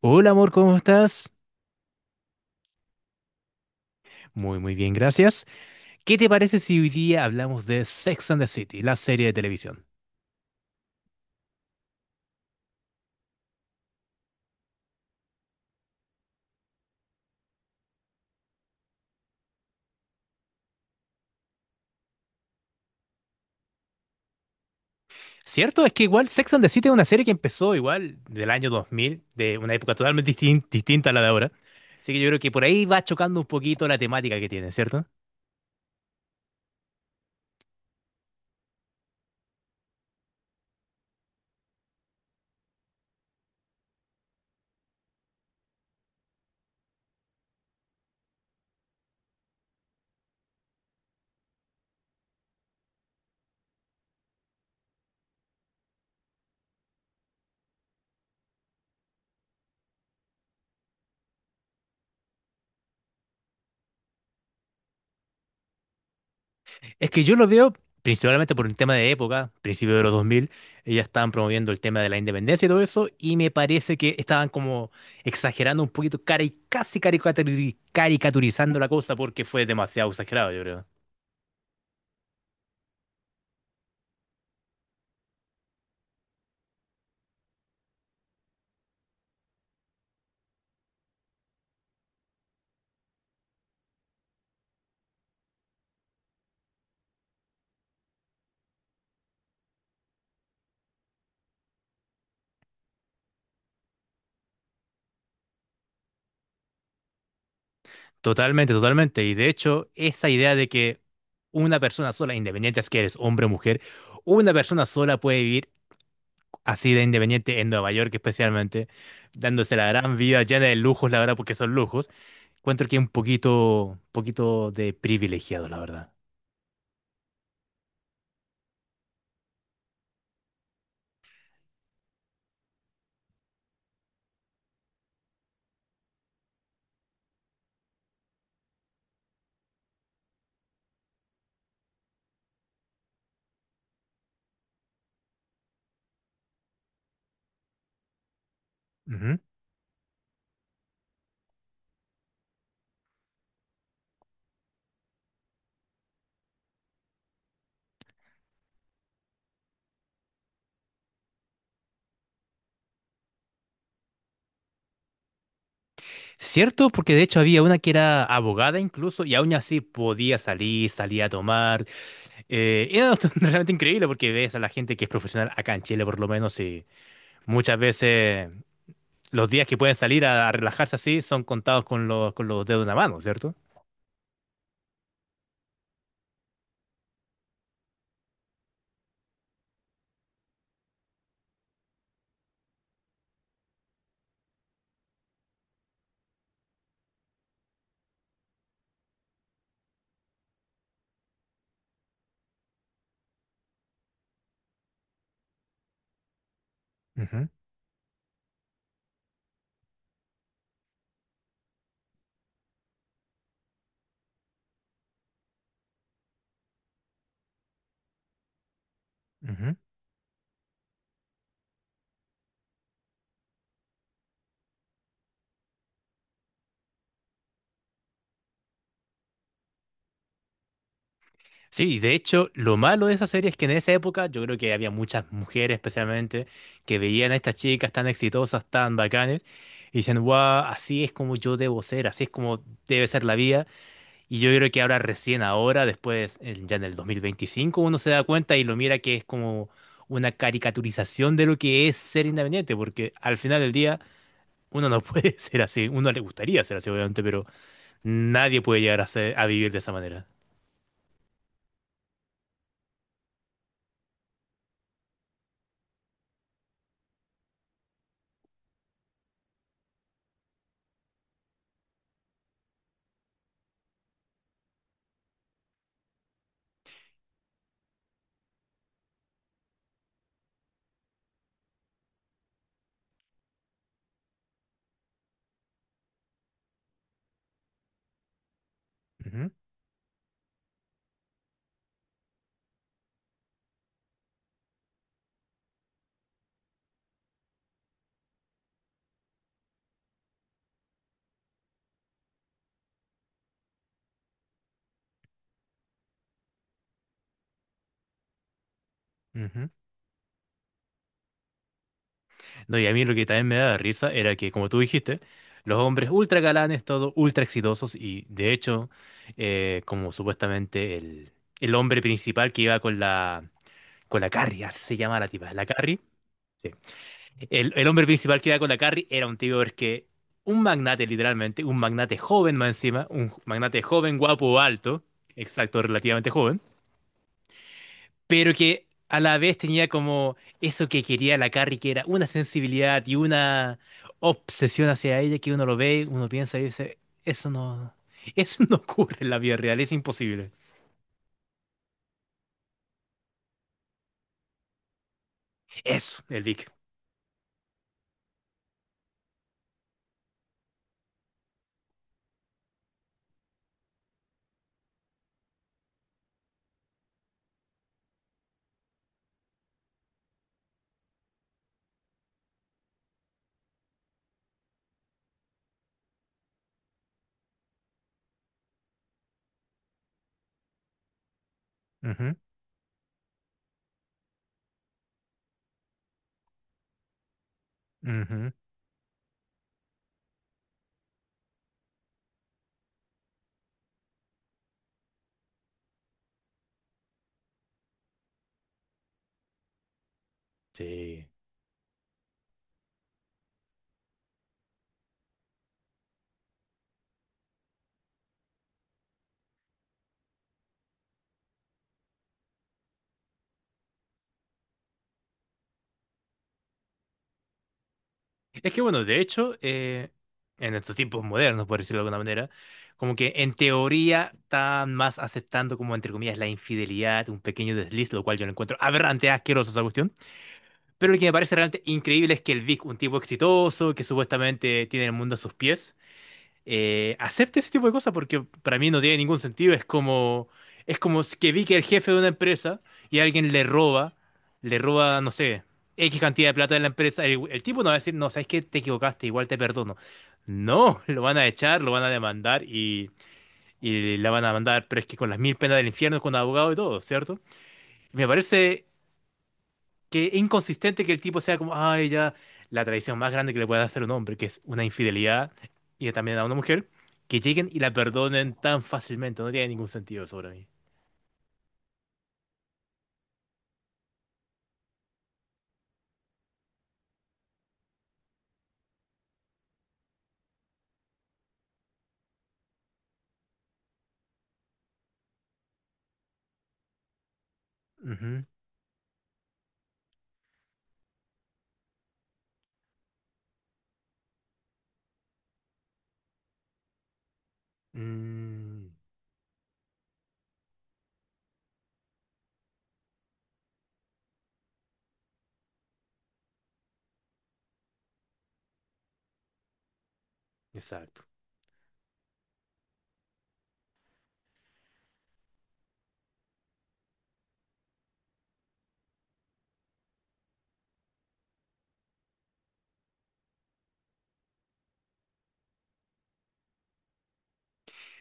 Hola amor, ¿cómo estás? Muy, muy bien, gracias. ¿Qué te parece si hoy día hablamos de Sex and the City, la serie de televisión? Cierto, es que igual Sex and the City es una serie que empezó igual del año 2000, de una época totalmente distinta a la de ahora. Así que yo creo que por ahí va chocando un poquito la temática que tiene, ¿cierto? Es que yo lo veo principalmente por un tema de época, principio de los 2000. Ellas estaban promoviendo el tema de la independencia y todo eso, y me parece que estaban como exagerando un poquito, casi caricaturizando la cosa porque fue demasiado exagerado, yo creo. Totalmente, totalmente. Y de hecho, esa idea de que una persona sola, independiente es que eres hombre o mujer, una persona sola puede vivir así de independiente en Nueva York especialmente, dándose la gran vida llena de lujos, la verdad, porque son lujos. Encuentro que es un poquito, poquito de privilegiado, la verdad. Ujú. Cierto, porque de hecho había una que era abogada incluso y aún así podía salir, salía a tomar. Era realmente increíble porque ves a la gente que es profesional acá en Chile por lo menos y muchas veces los días que pueden salir a relajarse así son contados con los dedos de una mano, cierto. Ujú, ujú. Sí, y de hecho, lo malo de esa serie es que en esa época yo creo que había muchas mujeres especialmente que veían a estas chicas tan exitosas, tan bacanes, y decían, wow, así es como yo debo ser, así es como debe ser la vida. Y yo creo que ahora recién ahora, después, ya en el 2025, uno se da cuenta y lo mira que es como una caricaturización de lo que es ser independiente, porque al final del día uno no puede ser así, uno le gustaría ser así, obviamente, pero nadie puede llegar a ser, a vivir de esa manera. Ujú, ujú. No, y a mí lo que también me daba risa era que, como tú dijiste, los hombres ultra galanes, todos ultra exitosos, y de hecho, como supuestamente el hombre principal que iba con la Carrie, así se llama la tipa, la Carrie, sí. El hombre principal que iba con la Carrie era un tío es que, un magnate literalmente, un magnate joven más encima, un magnate joven, guapo, alto, exacto, relativamente joven pero que a la vez tenía como eso que quería la Carrie, que era una sensibilidad y una obsesión hacia ella que uno lo ve, uno piensa y dice, eso no, eso no ocurre en la vida real, es imposible. Eso, el Vic. Ujú, ujú, sí. Es que bueno, de hecho, en estos tiempos modernos, por decirlo de alguna manera, como que en teoría están más aceptando como entre comillas la infidelidad, un pequeño desliz, lo cual yo lo encuentro aberrante, asqueroso esa cuestión. Pero lo que me parece realmente increíble es que el Vic, un tipo exitoso, que supuestamente tiene el mundo a sus pies, acepte ese tipo de cosas porque para mí no tiene ningún sentido. Es como si que Vic es el jefe de una empresa y alguien le roba, no sé, X cantidad de plata de la empresa. El tipo no va a decir, no, sabes que te equivocaste, igual te perdono. No, lo van a echar, lo van a demandar y la van a mandar, pero es que con las mil penas del infierno, con abogado y todo, ¿cierto? Me parece que es inconsistente que el tipo sea como, ay, ya, la traición más grande que le puede hacer un hombre, que es una infidelidad, y también a una mujer, que lleguen y la perdonen tan fácilmente, no tiene ningún sentido eso para mí. Ujú. Mm, exacto.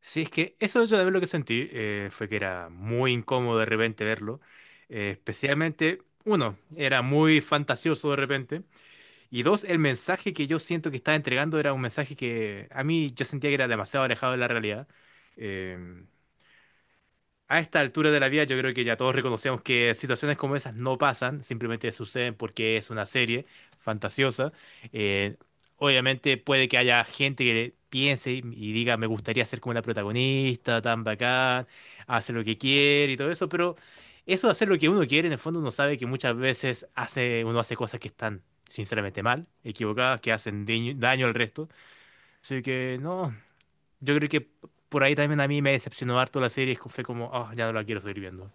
Sí, es que eso yo de ver lo que sentí fue que era muy incómodo de repente verlo, especialmente, uno, era muy fantasioso de repente, y dos, el mensaje que yo siento que estaba entregando era un mensaje que a mí yo sentía que era demasiado alejado de la realidad. Eh, a esta altura de la vida yo creo que ya todos reconocemos que situaciones como esas no pasan, simplemente suceden porque es una serie fantasiosa. Eh, Obviamente puede que haya gente que piense y diga, me gustaría ser como la protagonista, tan bacán, hace lo que quiere y todo eso, pero eso de hacer lo que uno quiere, en el fondo uno sabe que muchas veces uno hace cosas que están sinceramente mal, equivocadas, que hacen daño, daño al resto. Así que no, yo creo que por ahí también a mí me decepcionó harto la serie. Es que fue como, oh, ya no la quiero seguir viendo.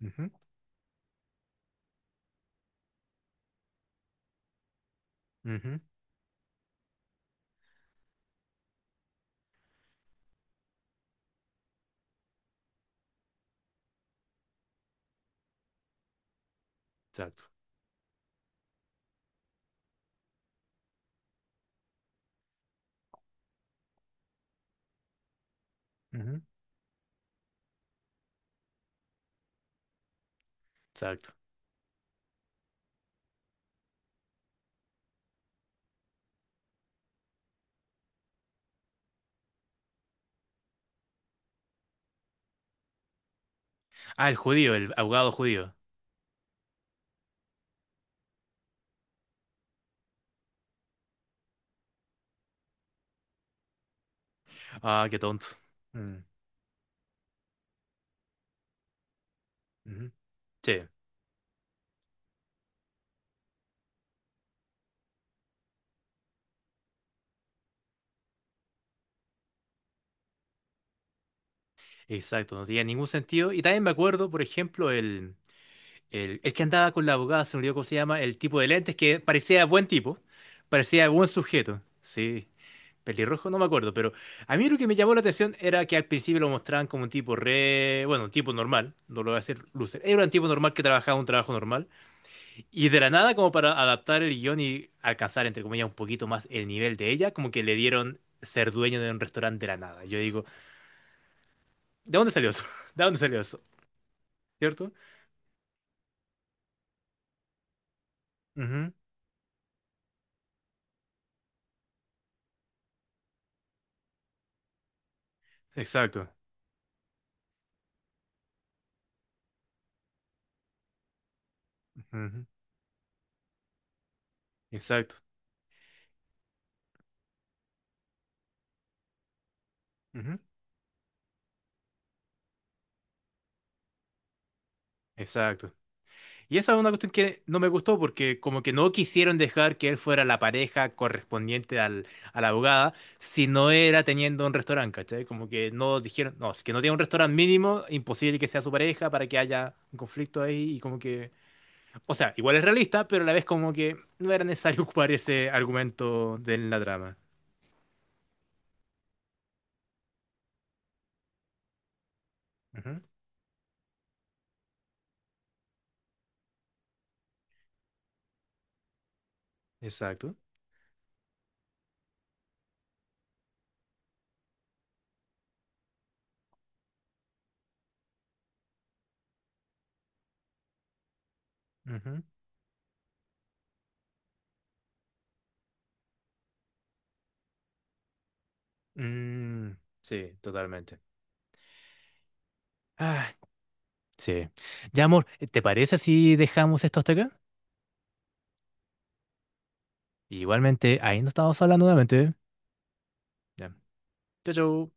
Ujú, ujú, exacto. Ujú, exacto. Ah, el judío, el abogado judío. Ah, qué tonto. Mm, ujú, sí, exacto. No tenía ningún sentido. Y también me acuerdo, por ejemplo, el que andaba con la abogada, se me olvidó cómo se llama, el tipo de lentes que parecía buen tipo, parecía buen sujeto. Sí. Pelirrojo, no me acuerdo, pero a mí lo que me llamó la atención era que al principio lo mostraban como un tipo re, bueno, un tipo normal, no lo voy a hacer Lucer, era un tipo normal que trabajaba un trabajo normal, y de la nada como para adaptar el guión y alcanzar, entre comillas, un poquito más el nivel de ella, como que le dieron ser dueño de un restaurante de la nada. Yo digo, ¿de dónde salió eso? ¿De dónde salió eso? ¿Cierto? Ujú, exacto. Ujú, exacto. Ujú, exacto. Y esa es una cuestión que no me gustó porque como que no quisieron dejar que él fuera la pareja correspondiente al, a la abogada si no era teniendo un restaurante, ¿cachai? Como que no dijeron, no, si que no tiene un restaurante mínimo, imposible que sea su pareja para que haya un conflicto ahí y como que, o sea, igual es realista, pero a la vez como que no era necesario ocupar ese argumento de la trama. Ujú, exacto. Ujú. Mm, sí, totalmente. Ah, sí. Ya, amor, ¿te parece si dejamos esto hasta acá? Igualmente, ahí nos estamos hablando nuevamente. Ya. Chau, chau.